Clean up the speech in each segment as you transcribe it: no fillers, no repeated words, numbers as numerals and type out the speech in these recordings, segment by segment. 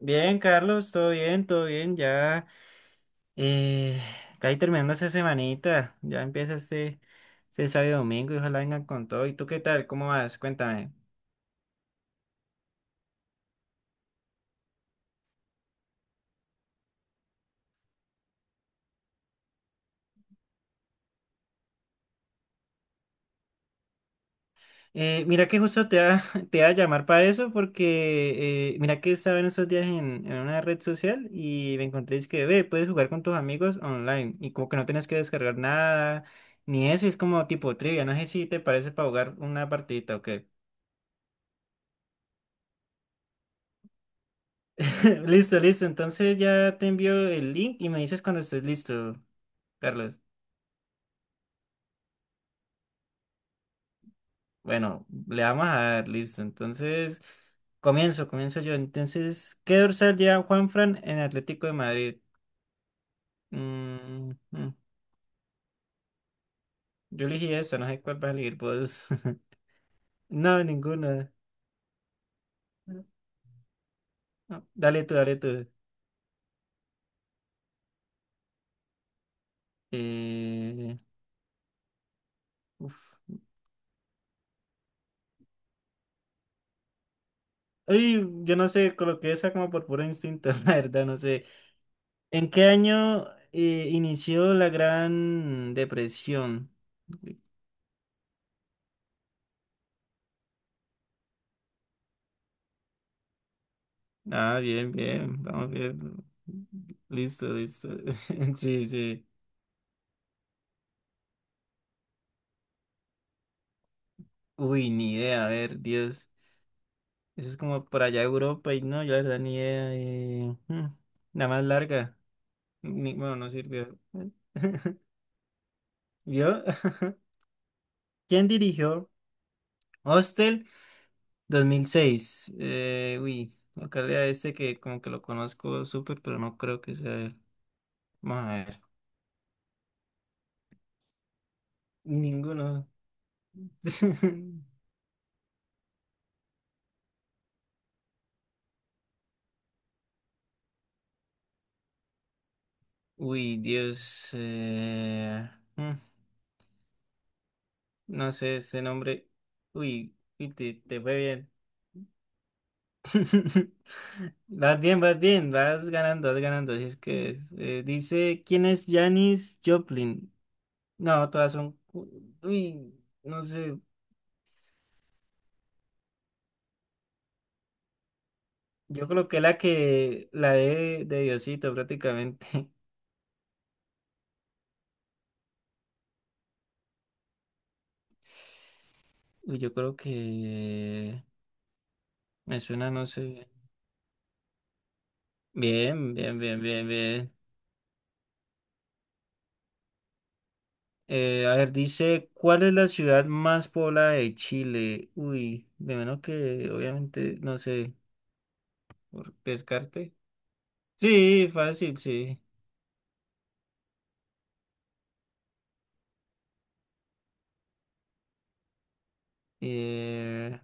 Bien, Carlos, todo bien, ya eh, casi terminando esa semanita, ya empieza este sábado y domingo y ojalá vengan con todo. ¿Y tú qué tal? ¿Cómo vas? Cuéntame. Mira que justo te va, te iba a llamar para eso porque mira que estaba en estos días en una red social y me encontré es que, ve, puedes jugar con tus amigos online y como que no tienes que descargar nada ni eso, y es como tipo trivia, no sé si te parece para jugar una partidita o qué. Listo, listo. Entonces ya te envío el link y me dices cuando estés listo, Carlos. Bueno, le vamos a dar, listo. Entonces, comienzo yo. Entonces, ¿qué dorsal lleva Juanfran en Atlético de Madrid? Mm, mm. Yo elegí esa, no sé cuál vas a elegir vos. No, ninguna. No, dale tú, dale tú. Eh, Uf. Ay, yo no sé, coloqué esa como por puro instinto, la verdad, no sé. ¿En qué año inició la Gran Depresión? Ah, bien, bien, vamos bien. Listo, listo. Sí, sí. Uy, ni idea, a ver, Dios. Eso es como por allá Europa y no, yo la verdad ni idea. La más larga. Ni- bueno, no sirvió. ¿Vio? ¿Quién dirigió Hostel 2006? Uy, acá lea este que como que lo conozco súper, pero no creo que sea él. Vamos a ver. Ninguno. Uy, Dios. Mm, No sé ese nombre. Uy, uy, te fue bien. Vas bien, vas bien, vas ganando, vas ganando. Así es que es, dice, ¿quién es Janis Joplin? No, todas son... Uy, no sé. Yo creo que... La de Diosito prácticamente. Uy, yo creo que... Me suena, no sé. Bien, bien, bien, bien, bien. A ver, dice, ¿cuál es la ciudad más poblada de Chile? Uy, de menos que, obviamente, no sé, por descarte. Sí, fácil, sí. Eh,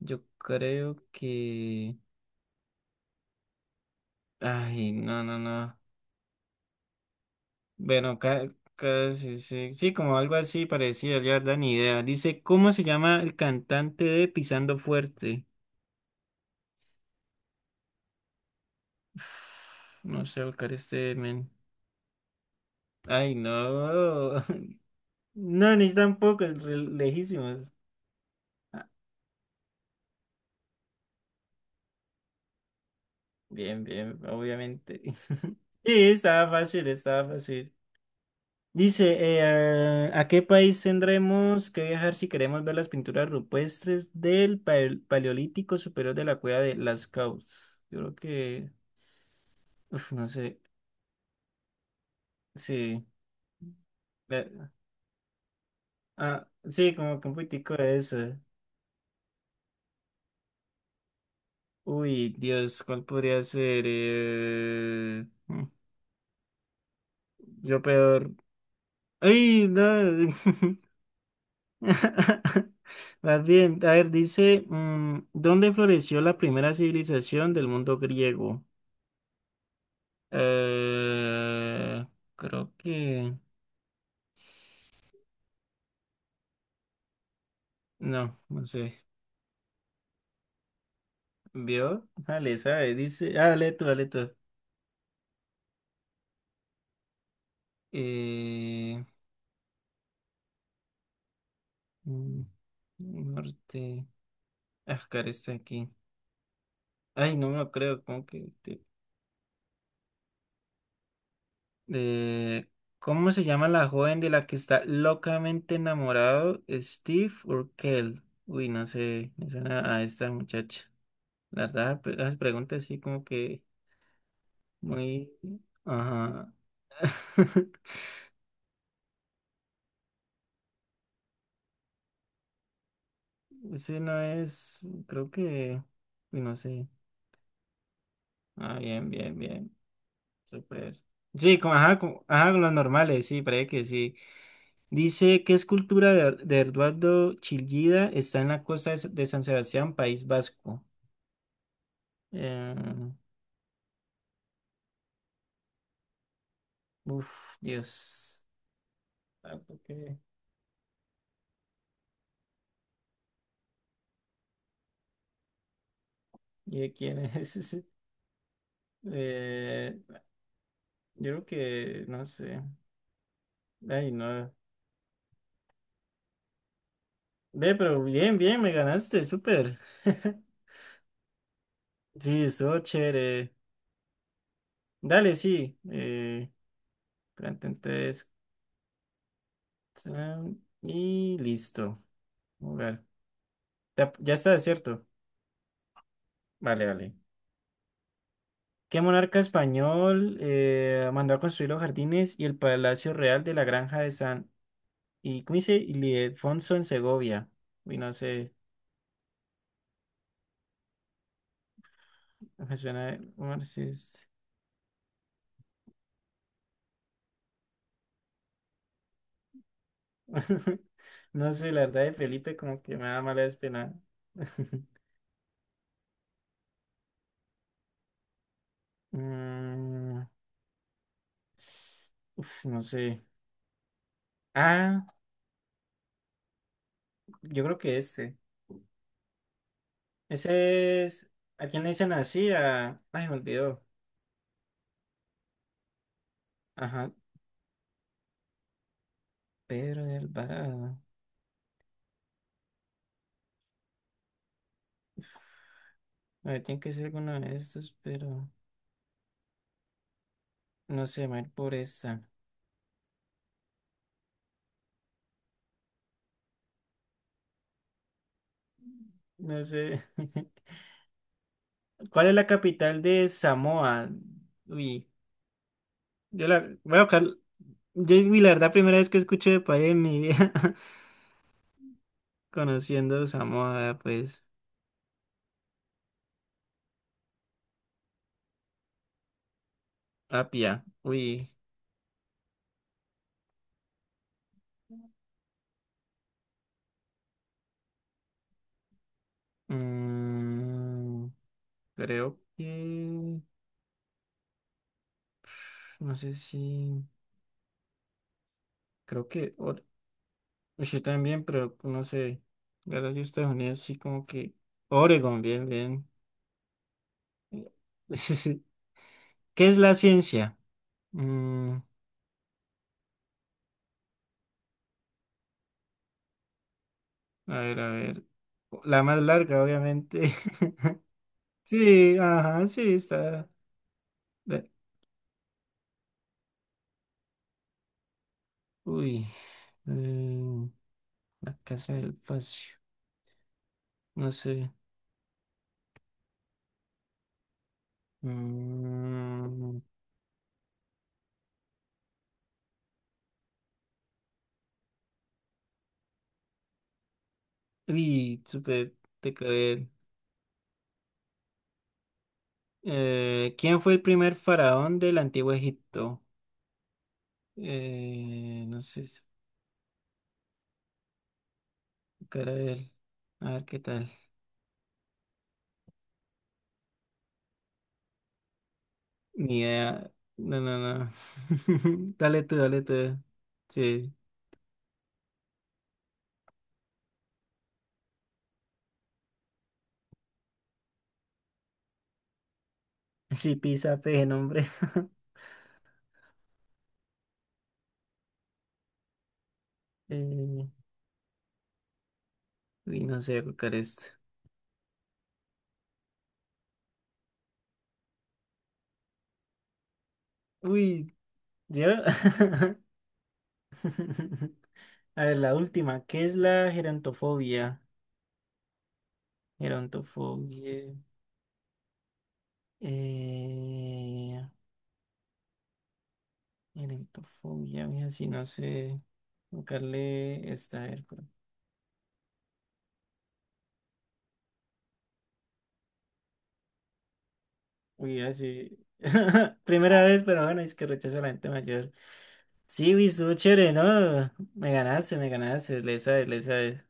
yo creo que... Ay, no, no, no. Bueno, ca- casi, sí, sí, como algo así parecido, yo la verdad ni idea. Dice, ¿cómo se llama el cantante de Pisando Fuerte? No sé, buscar este men. Ay, no. No, ni tampoco, es re- lejísimos. Ah, bien, bien, obviamente. Sí, estaba fácil, estaba fácil. Dice, ¿a qué país tendremos que viajar si queremos ver las pinturas rupestres del pal- Paleolítico Superior de la cueva de Las Caus? Yo creo que, no sé, sí, la- ah, sí, como que un poquitico de eso. Uy, Dios, ¿cuál podría ser? Yo peor. ¡Ay, no! Más bien, a ver, dice, mm, ¿dónde floreció la primera civilización del mundo griego? Eh, Creo que... No, no sé. ¿Vio? Dale, sabe, dice... Ah, dale tú, dale tú. Eh, mm, Norte... Ah, cara, está aquí. Ay, no me lo creo, como que... de ¿cómo se llama la joven de la que está locamente enamorado? ¿Steve o Kel? Uy, no sé, me suena a esta muchacha. La verdad, pe- las preguntas así como que muy... Ajá. Ese no es, creo que... Uy, no sé. Ah, bien, bien, bien. Súper. Sí, como, ajá, con los normales, sí, parece que sí. Dice, ¿qué escultura de Eduardo Chillida está en la costa de, S- de San Sebastián, País Vasco? Eh, Uf, Dios. Ah, ¿por qué? ¿Y de quién es ese? Eh, yo creo que, no sé. Ay, no. Ve, pero bien, bien, me ganaste, súper. Sí, estuvo chévere. Dale, sí. Grand Theft tres, tan, y listo. Jugar. Ya, ya está, ¿cierto? Vale, vale. ¿Qué monarca español mandó a construir los jardines y el palacio real de la granja de San Y ¿cómo dice? Ildefonso en Segovia. Uy, no sé, me suena Marxist. No sé, la verdad de Felipe como que me da mala espina. Mm, Uf, no sé. Ah, yo creo que este. Ese es. ¿A quién le dicen así? A... Ay, me olvidó. Ajá, Pedro de Alvarado. Uf, a ver, tiene que ser alguno de estos, pero. No sé, me voy a ir por esta. No sé. ¿Cuál es la capital de Samoa? Uy, yo la voy a buscar. Yo, uy, la verdad, primera vez que escucho de país en mi vida, conociendo Samoa, vea, pues, Apia. Mm, Creo que. No sé si. Creo que. Or- uy, yo también, pero no sé. La verdad, yo Estados Unidos, sí, como que. Oregon, bien, bien. ¿Qué es la ciencia? Mm, A ver, a ver. La más larga, obviamente. Sí, ajá, sí, está. De- Uy. eh, la casa del espacio. No sé. Mm, uy, súper te quedé. ¿Quién fue el primer faraón del antiguo Egipto? No sé. Si- Cara de él. A ver qué tal. Ni idea. No, no, no. Dale tú, dale tú. Sí. Sí, pisa, peje, nombre. Eh, Uy, no sé colocar esto. Uy, yo. A ver, la última. ¿Qué es la gerontofobia? Gerontofobia. Eh, Gerontofobia, mira, si no sé buscarle esta. A ver, cu- uy, así. Primera vez, pero bueno, es que rechazo a la gente mayor. Sí, vi estuvo chévere, ¿no? Me ganaste, me ganaste. Le sabes, le sabes.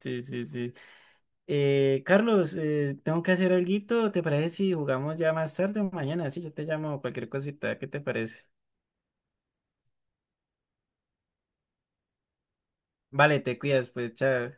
Sí, sí, sí. Carlos, tengo que hacer alguito. ¿Te parece si jugamos ya más tarde o mañana? Sí, yo te llamo cualquier cosita. ¿Qué te parece? Vale, te cuidas, pues, chao.